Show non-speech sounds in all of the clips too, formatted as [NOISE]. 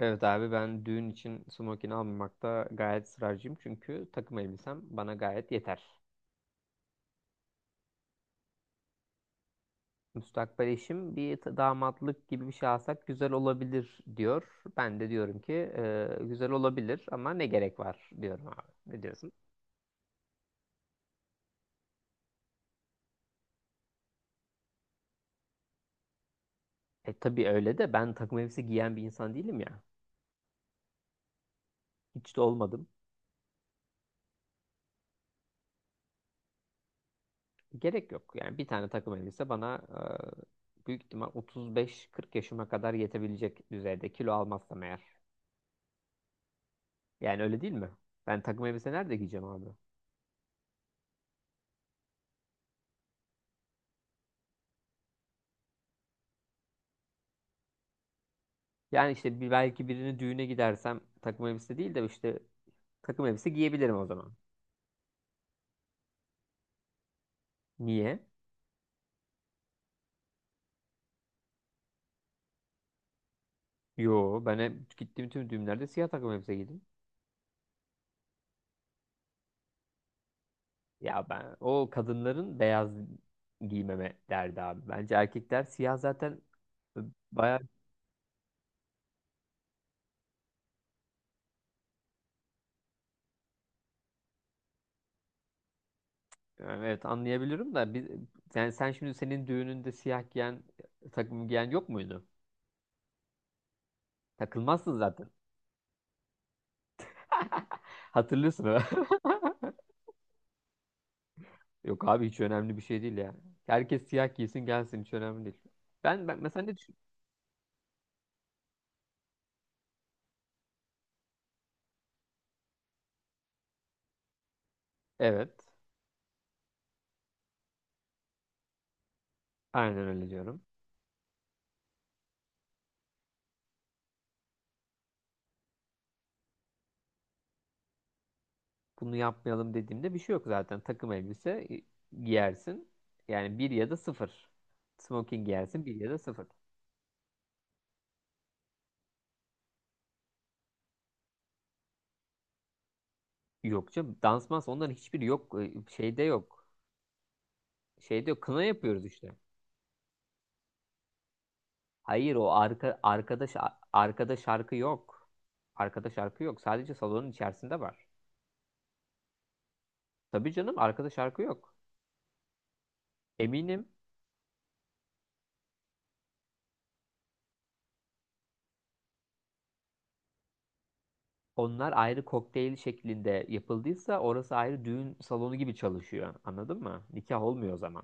Evet abi, ben düğün için smokin almamakta gayet ısrarcıyım. Çünkü takım elbisem bana gayet yeter. Müstakbel eşim bir damatlık gibi bir şey alsak güzel olabilir diyor. Ben de diyorum ki "E, güzel olabilir ama ne gerek var diyorum abi. Ne diyorsun? E tabii öyle de ben takım elbise giyen bir insan değilim ya. Hiç de olmadım. Gerek yok. Yani bir tane takım elbise bana büyük ihtimal 35-40 yaşıma kadar yetebilecek düzeyde, kilo almazsam eğer. Yani öyle değil mi? Ben takım elbise nerede giyeceğim abi? Yani işte bir, belki birini düğüne gidersem takım elbise değil de işte takım elbise giyebilirim o zaman. Niye? Yo, ben hep gittiğim tüm düğünlerde siyah takım elbise giydim. Ya ben o kadınların beyaz giymeme derdi abi. Bence erkekler siyah zaten, e, bayağı. Yani evet, anlayabilirim da biz, yani sen şimdi senin düğününde siyah giyen, takım giyen yok muydu? Takılmazsın zaten. [LAUGHS] Hatırlıyorsun ha? [LAUGHS] Yok abi, hiç önemli bir şey değil yani. Herkes siyah giysin gelsin, hiç önemli değil. Ben mesela ne düşün? Evet. Aynen öyle diyorum. Bunu yapmayalım dediğimde bir şey yok zaten. Takım elbise giyersin. Yani bir ya da sıfır. Smoking giyersin, bir ya da sıfır. Yok canım, dansmaz, onların hiçbiri yok. Şeyde yok. Şeyde yok. Kına yapıyoruz işte. Hayır, o arkada şarkı yok. Arkada şarkı yok. Sadece salonun içerisinde var. Tabii canım, arkada şarkı yok. Eminim. Onlar ayrı, kokteyl şeklinde yapıldıysa orası ayrı düğün salonu gibi çalışıyor. Anladın mı? Nikah olmuyor o zaman.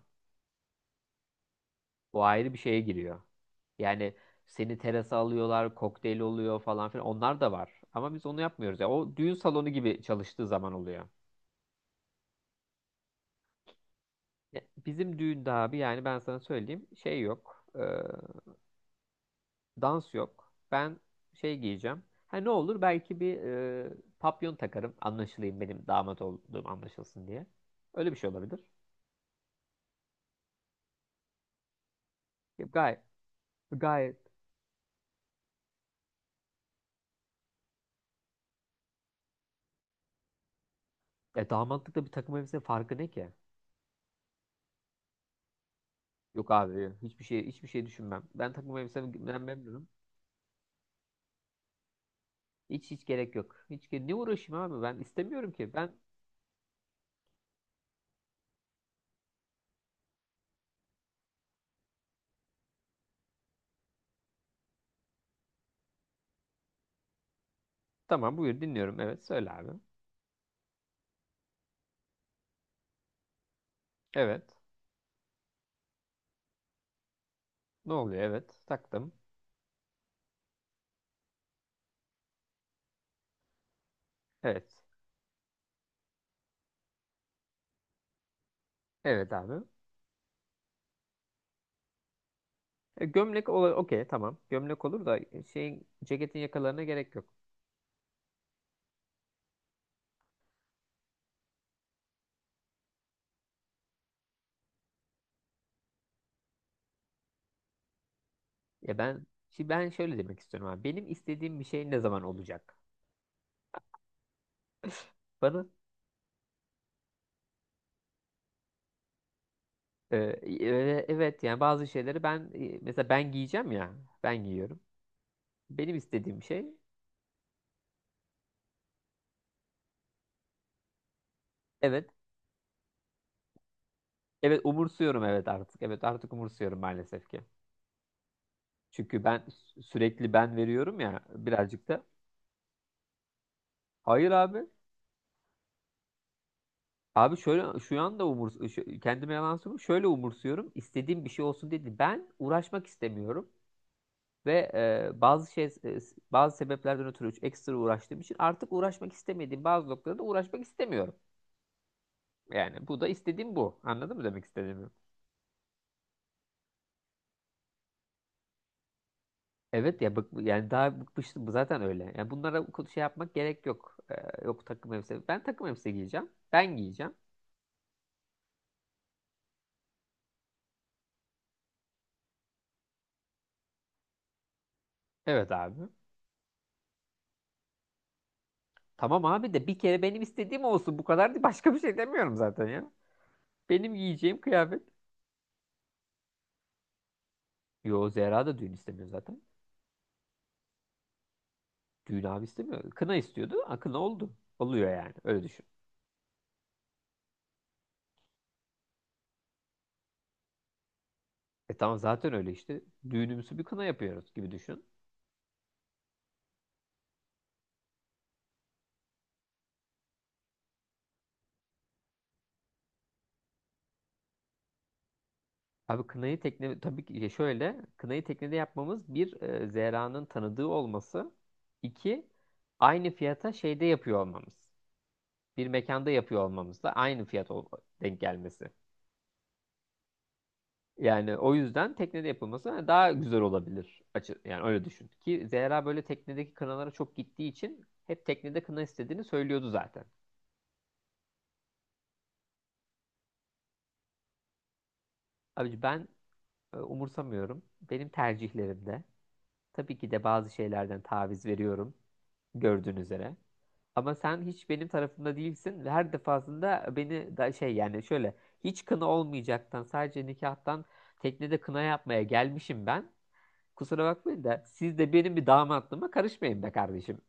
O ayrı bir şeye giriyor. Yani seni terasa alıyorlar, kokteyl oluyor falan filan. Onlar da var. Ama biz onu yapmıyoruz. Ya o düğün salonu gibi çalıştığı zaman oluyor. Ya, bizim düğünde abi yani ben sana söyleyeyim, şey yok. Dans yok. Ben şey giyeceğim. Ha, ne olur, belki bir e, papyon takarım, anlaşılayım, benim damat olduğum anlaşılsın diye. Öyle bir şey olabilir. Gayet Gayet. E, damatlıkta bir takım elbise farkı ne ki? Yok abi, hiçbir şey düşünmem. Ben takım elbisemden memnunum. Hiç gerek yok. Hiç ne uğraşayım abi, ben istemiyorum ki. Ben tamam, buyur dinliyorum. Evet söyle abi. Evet. Ne oluyor? Evet. Taktım. Evet. Evet abi. E, gömlek olur. Okey tamam. Gömlek olur da şeyin, ceketin yakalarına gerek yok. Ya ben şimdi, ben şöyle demek istiyorum abi. Benim istediğim bir şey ne zaman olacak? Bana Ee, evet, yani bazı şeyleri ben mesela, ben giyeceğim ya, ben giyiyorum. Benim istediğim şey evet, evet umursuyorum, evet artık, evet artık umursuyorum maalesef ki. Çünkü ben sürekli ben veriyorum ya birazcık da. Hayır abi, abi şöyle, şu anda umurs şu, kendime yalan söylüyorum şöyle, umursuyorum, istediğim bir şey olsun dedi. Ben uğraşmak istemiyorum ve e, bazı şey e, bazı sebeplerden ötürü ekstra uğraştığım için artık uğraşmak istemediğim bazı noktalarda uğraşmak istemiyorum. Yani bu da istediğim bu. Anladın mı demek istediğimi? Evet ya bık, yani daha bıkmıştım bu, zaten öyle. Yani bunlara bu şey yapmak gerek yok. Yok takım elbise. Ben takım elbise giyeceğim. Ben giyeceğim. Evet abi. Tamam abi de bir kere benim istediğim olsun. Bu kadar, değil başka bir şey demiyorum zaten ya. Benim giyeceğim kıyafet. Yo, Zehra da düğün istemiyor zaten. Düğün abi istemiyor. Kına istiyordu. Ha, kına oldu. Oluyor yani. Öyle düşün. E tamam, zaten öyle işte. Düğünümüzü bir kına yapıyoruz gibi düşün. Abi kınayı tekne, tabii ki şöyle, kınayı teknede yapmamız bir, Zehra'nın tanıdığı olması, iki, aynı fiyata şeyde yapıyor olmamız, bir mekanda yapıyor olmamız da aynı fiyat denk gelmesi. Yani o yüzden teknede yapılması daha güzel olabilir açı, yani öyle düşün ki Zehra böyle teknedeki kınalara çok gittiği için hep teknede kına istediğini söylüyordu zaten. Abi ben umursamıyorum benim tercihlerimde. Tabii ki de bazı şeylerden taviz veriyorum, gördüğün üzere. Ama sen hiç benim tarafımda değilsin ve her defasında beni da şey, yani şöyle, hiç kına olmayacaktan sadece nikahtan teknede kına yapmaya gelmişim ben. Kusura bakmayın da siz de benim bir damatlığıma karışmayın be kardeşim.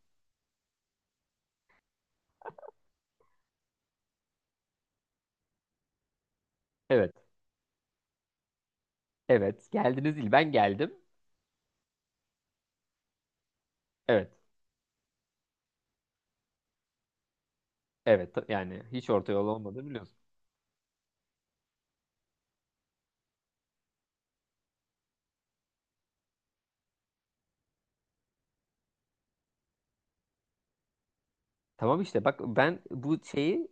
Evet. Evet. Geldiniz değil, ben geldim. Evet. Evet. Yani hiç orta yol olmadığını biliyorsun. Tamam işte bak, ben bu şeyi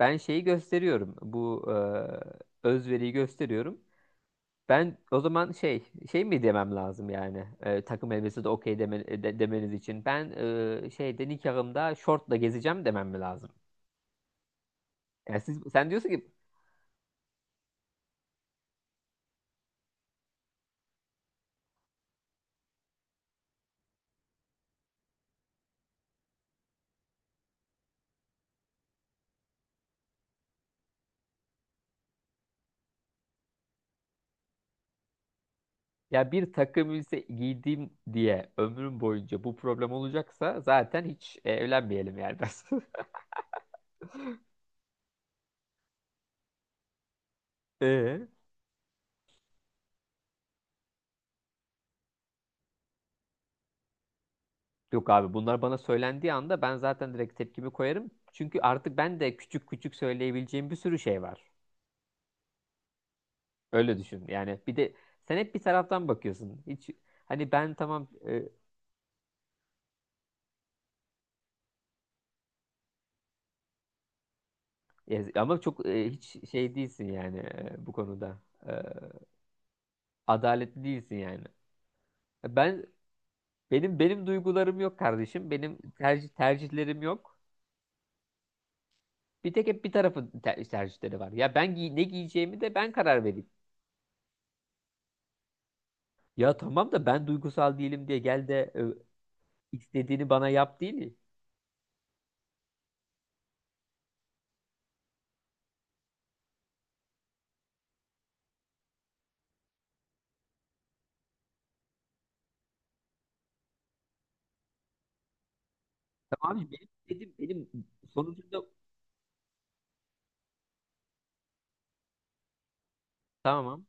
ben şeyi gösteriyorum. Bu özveriyi gösteriyorum. Ben o zaman şey, şey mi demem lazım yani, takım elbisesi de okey demeniz için ben, şeyde nikahımda şortla gezeceğim demem mi lazım? Yani siz, sen diyorsun ki ya bir takım elbise giydim diye ömrüm boyunca bu problem olacaksa zaten hiç evlenmeyelim yani. [LAUGHS] Ee? Yok abi, bunlar bana söylendiği anda ben zaten direkt tepkimi koyarım. Çünkü artık ben de küçük küçük söyleyebileceğim bir sürü şey var. Öyle düşün yani, bir de sen hep bir taraftan bakıyorsun. Hiç. Hani ben tamam ya, ama çok hiç şey değilsin yani bu konuda. E, adaletli değilsin yani. E, ben benim duygularım yok kardeşim. Benim tercihlerim yok. Bir tek hep bir tarafın tercihleri var. Ya ben ne giyeceğimi de ben karar vereyim. Ya tamam da ben duygusal değilim diye gel de istediğini bana yap değil mi? Tamam abi, benim istediğim benim sonucunda tamam.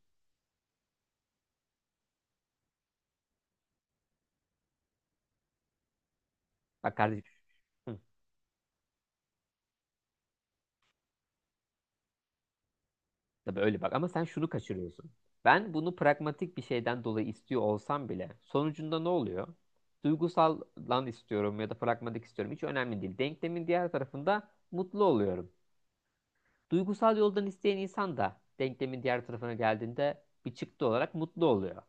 Bak kardeşim. Hı. Tabii öyle bak, ama sen şunu kaçırıyorsun. Ben bunu pragmatik bir şeyden dolayı istiyor olsam bile sonucunda ne oluyor? Duygusal lan istiyorum ya da pragmatik istiyorum, hiç önemli değil. Denklemin diğer tarafında mutlu oluyorum. Duygusal yoldan isteyen insan da denklemin diğer tarafına geldiğinde bir çıktı olarak mutlu oluyor.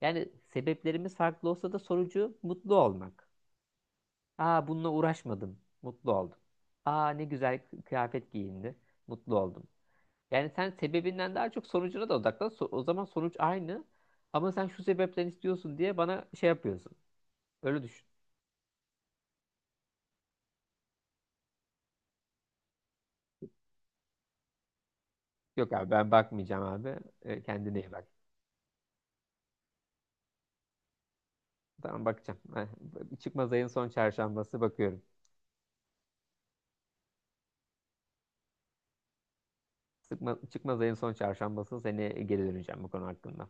Yani sebeplerimiz farklı olsa da sonucu mutlu olmak. Aa, bununla uğraşmadım, mutlu oldum. Aa ne güzel kıyafet giyindi, mutlu oldum. Yani sen sebebinden daha çok sonucuna da odaklan. O zaman sonuç aynı. Ama sen şu sebepten istiyorsun diye bana şey yapıyorsun. Öyle düşün. Yok abi, ben bakmayacağım abi. E, kendine iyi bak. Tamam, bakacağım. Ha, çıkmaz ayın son çarşambası bakıyorum. Sıkma, çıkmaz ayın son çarşambası seni geri döneceğim bu konu hakkında.